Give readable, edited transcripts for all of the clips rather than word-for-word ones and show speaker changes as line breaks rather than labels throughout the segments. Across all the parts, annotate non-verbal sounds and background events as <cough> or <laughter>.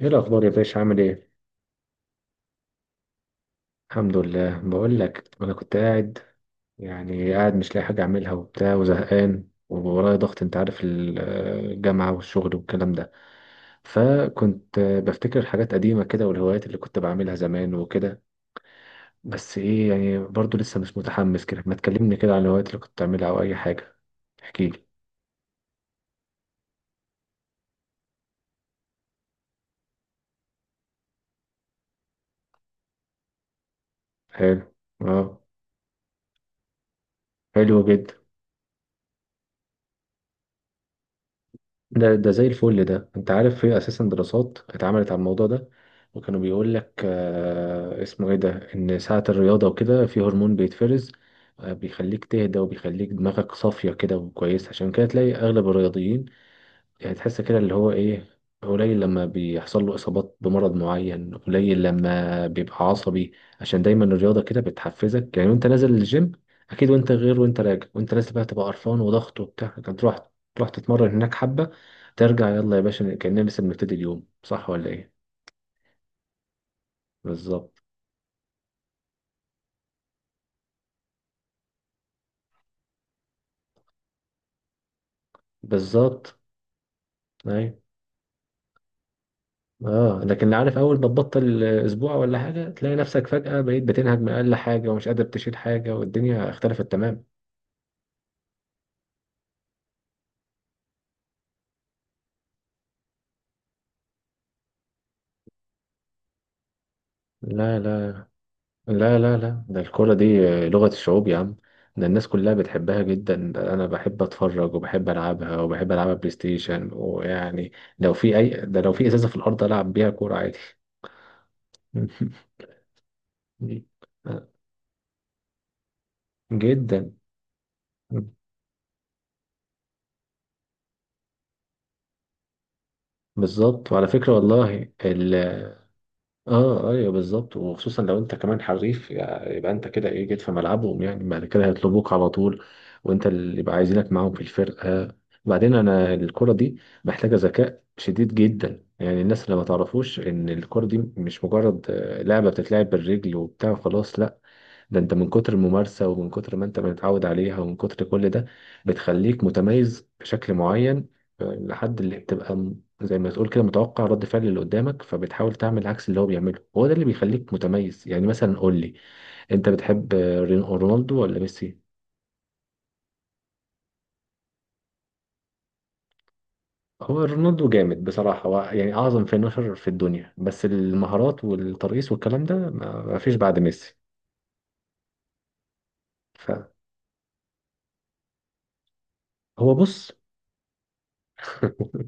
ايه الاخبار يا باشا؟ عامل ايه؟ الحمد لله. بقول لك انا كنت قاعد، قاعد مش لاقي حاجه اعملها وبتاع، وزهقان وورايا ضغط، انت عارف، الجامعه والشغل والكلام ده. فكنت بفتكر حاجات قديمه كده، والهوايات اللي كنت بعملها زمان وكده. بس ايه يعني، برضو لسه مش متحمس كده. ما تكلمني كده عن الهوايات اللي كنت بتعملها او اي حاجه، احكي لي. حلو. اه. حلو جدا. ده زي الفل. ده انت عارف في اساسا دراسات اتعملت على الموضوع ده، وكانوا بيقول لك، اسمه ايه ده، ان ساعة الرياضة وكده في هرمون بيتفرز، بيخليك تهدى، وبيخليك دماغك صافية كده وكويس. عشان كده تلاقي اغلب الرياضيين، يعني تحس كده اللي هو ايه، قليل لما بيحصل له اصابات بمرض معين، قليل لما بيبقى عصبي، عشان دايما الرياضه كده بتحفزك. يعني وانت نازل الجيم، اكيد وانت غير، وانت راجع وانت نازل بقى تبقى قرفان وضغط وبتاع، لكن تروح تتمرن هناك حبه، ترجع، يلا يا باشا كاننا لسه بنبتدي اليوم، صح ولا ايه؟ بالظبط. بالظبط. ايوه. اه لكن اللي عارف، اول ما تبطل اسبوع ولا حاجه تلاقي نفسك فجاه بقيت بتنهج من اقل حاجه، ومش قادر تشيل حاجه، والدنيا اختلفت تمام. لا لا. لا لا لا، ده الكورة دي لغة الشعوب يا عم، ده الناس كلها بتحبها جدا. أنا بحب أتفرج، وبحب ألعبها، وبحب ألعبها بلاي ستيشن، ويعني لو في أي ده، لو في إزازة في الأرض ألعب بيها كورة عادي. <laughs> جدا. بالظبط، وعلى فكرة والله اه ايوه بالظبط. وخصوصا لو انت كمان حريف يعني، يبقى انت كده ايه، جيت في ملعبهم، يعني بعد كده هيطلبوك على طول، وانت اللي يبقى عايزينك معاهم في الفرقه. بعدين انا الكره دي محتاجه ذكاء شديد جدا، يعني الناس اللي ما تعرفوش ان الكره دي مش مجرد لعبه بتتلعب بالرجل وبتاع، خلاص لا، ده انت من كتر الممارسة، ومن كتر ما انت متعود عليها، ومن كتر كل ده، بتخليك متميز بشكل معين. لحد اللي بتبقى زي ما تقول كده متوقع رد فعل اللي قدامك، فبتحاول تعمل عكس اللي هو بيعمله، هو ده اللي بيخليك متميز. يعني مثلا قول لي، انت بتحب رونالدو ولا ميسي؟ هو رونالدو جامد بصراحة، هو يعني أعظم فينشر في الدنيا، بس المهارات والترقيص والكلام ده ما فيش بعد ميسي. فهو بص. <laughs>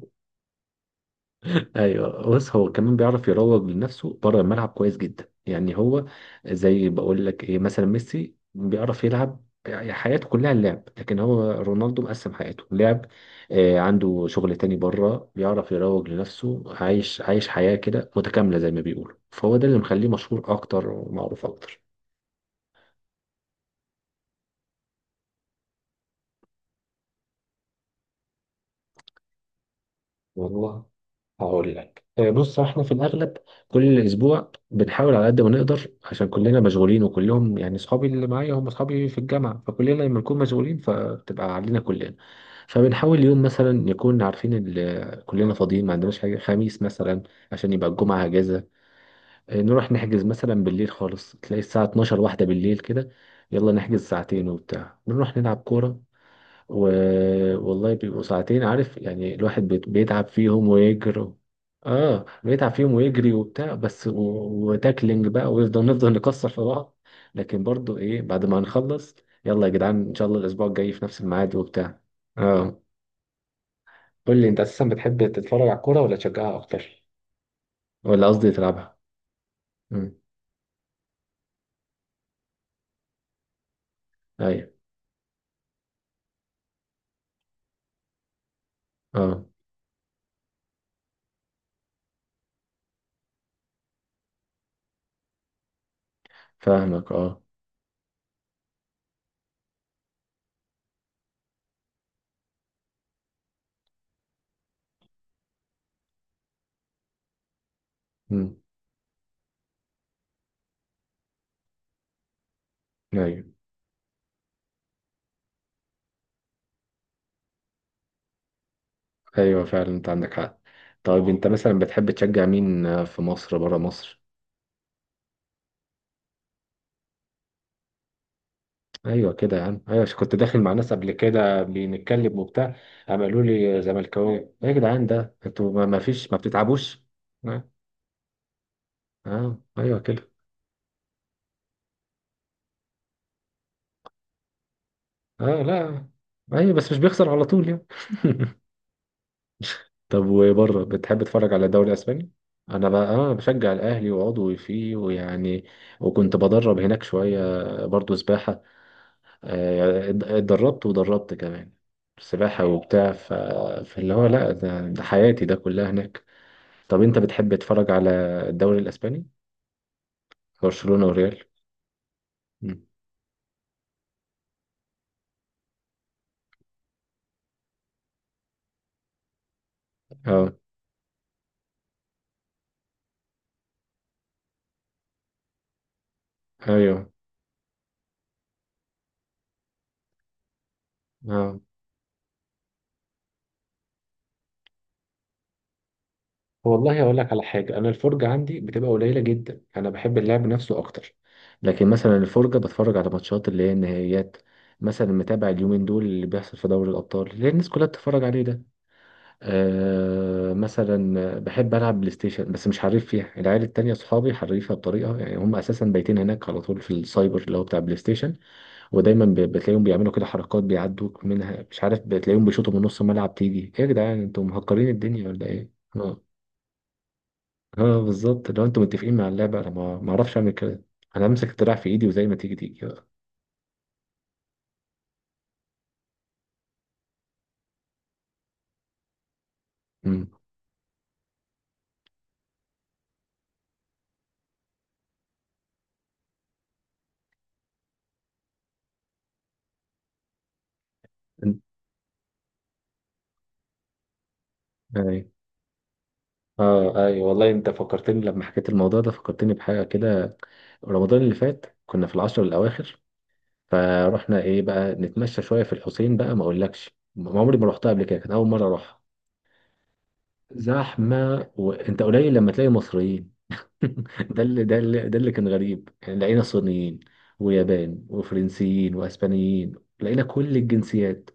ايوه بص، هو كمان بيعرف يروج لنفسه بره الملعب كويس جدا. يعني هو زي، بقول لك ايه، مثلا ميسي بيعرف يلعب، يعني حياته كلها اللعب، لكن هو رونالدو مقسم حياته لعب، آه عنده شغل تاني بره، بيعرف يروج لنفسه، عايش حياة كده متكاملة زي ما بيقولوا، فهو ده اللي مخليه مشهور اكتر ومعروف اكتر. والله هقول لك. بص احنا في الاغلب كل اسبوع بنحاول على قد ما نقدر، عشان كلنا مشغولين، وكلهم يعني اصحابي اللي معايا هم اصحابي في الجامعه، فكلنا لما نكون مشغولين فبتبقى علينا كلنا. فبنحاول يوم مثلا نكون عارفين كلنا فاضيين، ما عندناش حاجه، خميس مثلا عشان يبقى الجمعه اجازه. نروح نحجز مثلا بالليل خالص، تلاقي الساعه 12 واحده بالليل كده، يلا نحجز ساعتين وبتاع، نروح نلعب كوره و... والله بيبقوا ساعتين. عارف يعني الواحد بيتعب فيهم ويجري. اه بيتعب فيهم ويجري وبتاع، بس وتاكلينج بقى، نفضل نكسر في بعض، لكن برضو ايه بعد ما نخلص، يلا يا جدعان ان شاء الله الاسبوع الجاي في نفس الميعاد وبتاع. اه. قول لي انت اساسا بتحب تتفرج على الكوره ولا تشجعها اكتر، ولا قصدي تلعبها؟ امم. ايوه. اه فاهمك. اه. امم. ايوه. ايوه فعلا انت عندك حق. طيب انت مثلا بتحب تشجع مين، في مصر، بره مصر؟ ايوه كده يا عم، ايوه عشان كنت داخل مع ناس قبل كده بنتكلم وبتاع، قام قالوا لي زملكاوي! ايه يا جدعان ده انتوا ما فيش، ما بتتعبوش؟ اه. ايوه كده. اه لا. ايوه بس مش بيخسر على طول يعني. <laughs> طب وبره بتحب تتفرج على الدوري الاسباني؟ انا بقى اه بشجع الاهلي وعضوي فيه، ويعني وكنت بدرب هناك شويه، برضو سباحه، اتدربت ودربت كمان سباحه وبتاع. فاللي هو لا، ده حياتي ده كلها هناك. طب انت بتحب تتفرج على الدوري الاسباني، برشلونة وريال؟ مم. اه ايوه. اه والله اقول لك على حاجه، انا الفرجه عندي بتبقى قليله جدا، انا بحب اللعب نفسه اكتر. لكن مثلا الفرجه بتفرج على ماتشات اللي هي النهائيات. مثلا متابع اليومين دول اللي بيحصل في دوري الابطال، اللي هي الناس كلها بتتفرج عليه ده. آه مثلا بحب العب بلاي ستيشن، بس مش حريف فيها. العيال التانية صحابي حريفها بطريقه، يعني هم اساسا بايتين هناك على طول في السايبر، اللي هو بتاع بلاي ستيشن، ودايما بتلاقيهم بيعملوا كده حركات بيعدوك منها مش عارف، بتلاقيهم بيشوطوا من نص الملعب، تيجي ايه يا جدعان انتوا مهكرين الدنيا ولا ايه؟ اه. اه بالظبط، لو انتوا متفقين مع اللعبه انا ما اعرفش اعمل كده، انا امسك الدراع في ايدي وزي ما تيجي تيجي بقى. امم. اي. اه اي والله انت فكرتني، لما حكيت الموضوع ده فكرتني بحاجه كده. رمضان اللي فات كنا في العشر الاواخر، فروحنا ايه بقى نتمشى شويه في الحسين. بقى ما اقولكش، ما عمري ما رحتها قبل كده، كان اول مره اروحها. زحمه، وانت قليل لما تلاقي مصريين. <laughs> ده اللي كان غريب، يعني لقينا صينيين ويابان وفرنسيين واسبانيين، لقينا كل الجنسيات.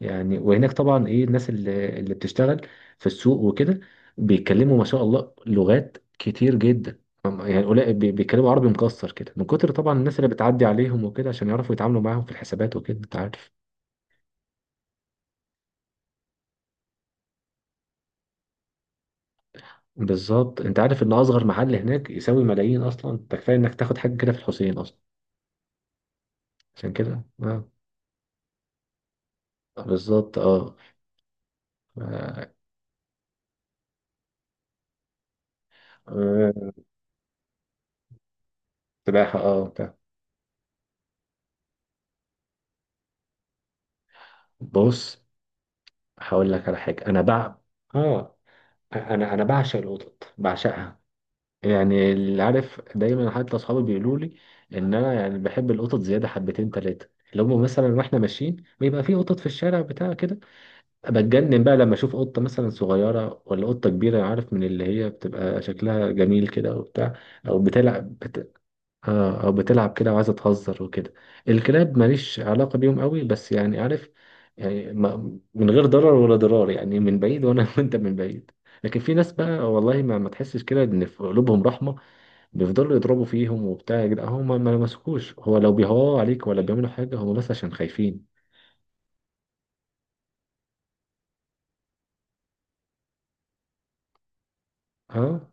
يعني وهناك طبعا ايه الناس اللي بتشتغل في السوق وكده، بيتكلموا ما شاء الله لغات كتير جدا، يعني قليل بيتكلموا عربي مكسر كده، من كتر طبعا الناس اللي بتعدي عليهم وكده، عشان يعرفوا يتعاملوا معاهم في الحسابات وكده، انت عارف. بالظبط، انت عارف ان اصغر محل هناك يساوي ملايين اصلا، ده كفايه انك تاخد حاجه كده في الحسين اصلا. عشان كده اه. بالظبط. اه. آه، سباحة اه بتاع. بص هقول لك على حاجة، أنا بع، اه أنا بعشق القطط، بعشقها. يعني اللي عارف، دايما حتى أصحابي بيقولوا لي إن أنا يعني بحب القطط زيادة حبتين تلاتة. اللي هم مثلا واحنا ماشيين بيبقى في قطط في الشارع بتاع كده، بتجنن بقى لما أشوف قطة مثلا صغيرة ولا قطة كبيرة، عارف، من اللي هي بتبقى شكلها جميل كده وبتاع، أو بتلعب. اه او بتلعب كده وعايزه تهزر وكده. الكلاب ماليش علاقه بيهم قوي، بس يعني عارف، يعني ما من غير ضرر ولا ضرار، يعني من بعيد وانا <laughs> وانت من بعيد. لكن في ناس بقى والله ما تحسش كده ان في قلوبهم رحمه، بيفضلوا يضربوا فيهم وبتاع، يا جدعان هم ما لمسكوش، هو لو بيهوا عليك ولا بيعملوا حاجه هم بس عشان خايفين. اه.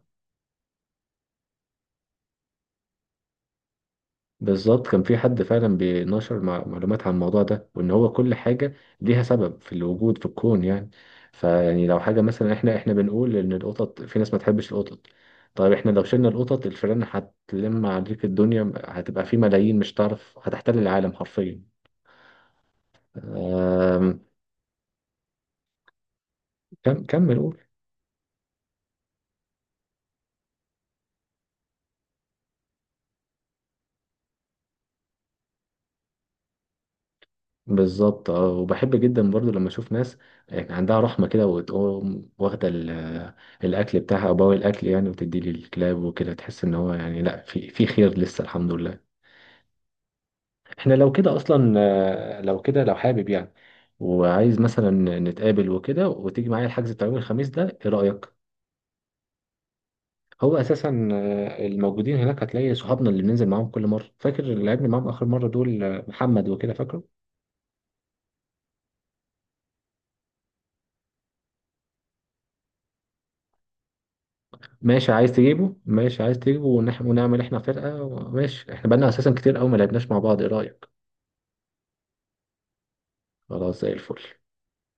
بالظبط، كان في حد فعلا بينشر معلومات عن الموضوع ده، وان هو كل حاجه ليها سبب في الوجود في الكون، يعني فيعني لو حاجه مثلا، احنا بنقول ان القطط في ناس ما تحبش القطط، طيب احنا لو شلنا القطط الفئران هتلم عليك الدنيا، هتبقى في ملايين مش هتعرف، هتحتل العالم حرفيا. آم، كمل قول. بالظبط اه، وبحب جدا برضو لما اشوف ناس يعني عندها رحمه كده، وتقوم واخده الاكل بتاعها او بواقي الاكل يعني وتدي لي الكلاب وكده، تحس ان هو يعني لا، في في خير لسه الحمد لله. احنا لو كده اصلا. لو كده لو حابب يعني، وعايز مثلا نتقابل وكده، وتيجي معايا الحجز بتاع يوم الخميس ده، ايه رايك؟ هو اساسا الموجودين هناك هتلاقي صحابنا اللي بننزل معاهم كل مره، فاكر اللي لعبنا معاهم اخر مره دول، محمد وكده، فاكره؟ ماشي عايز تجيبه، ونعمل احنا فرقة ماشي، احنا بقالنا اساسا كتير قوي ما لعبناش مع بعض، ايه رأيك؟ خلاص زي الفل.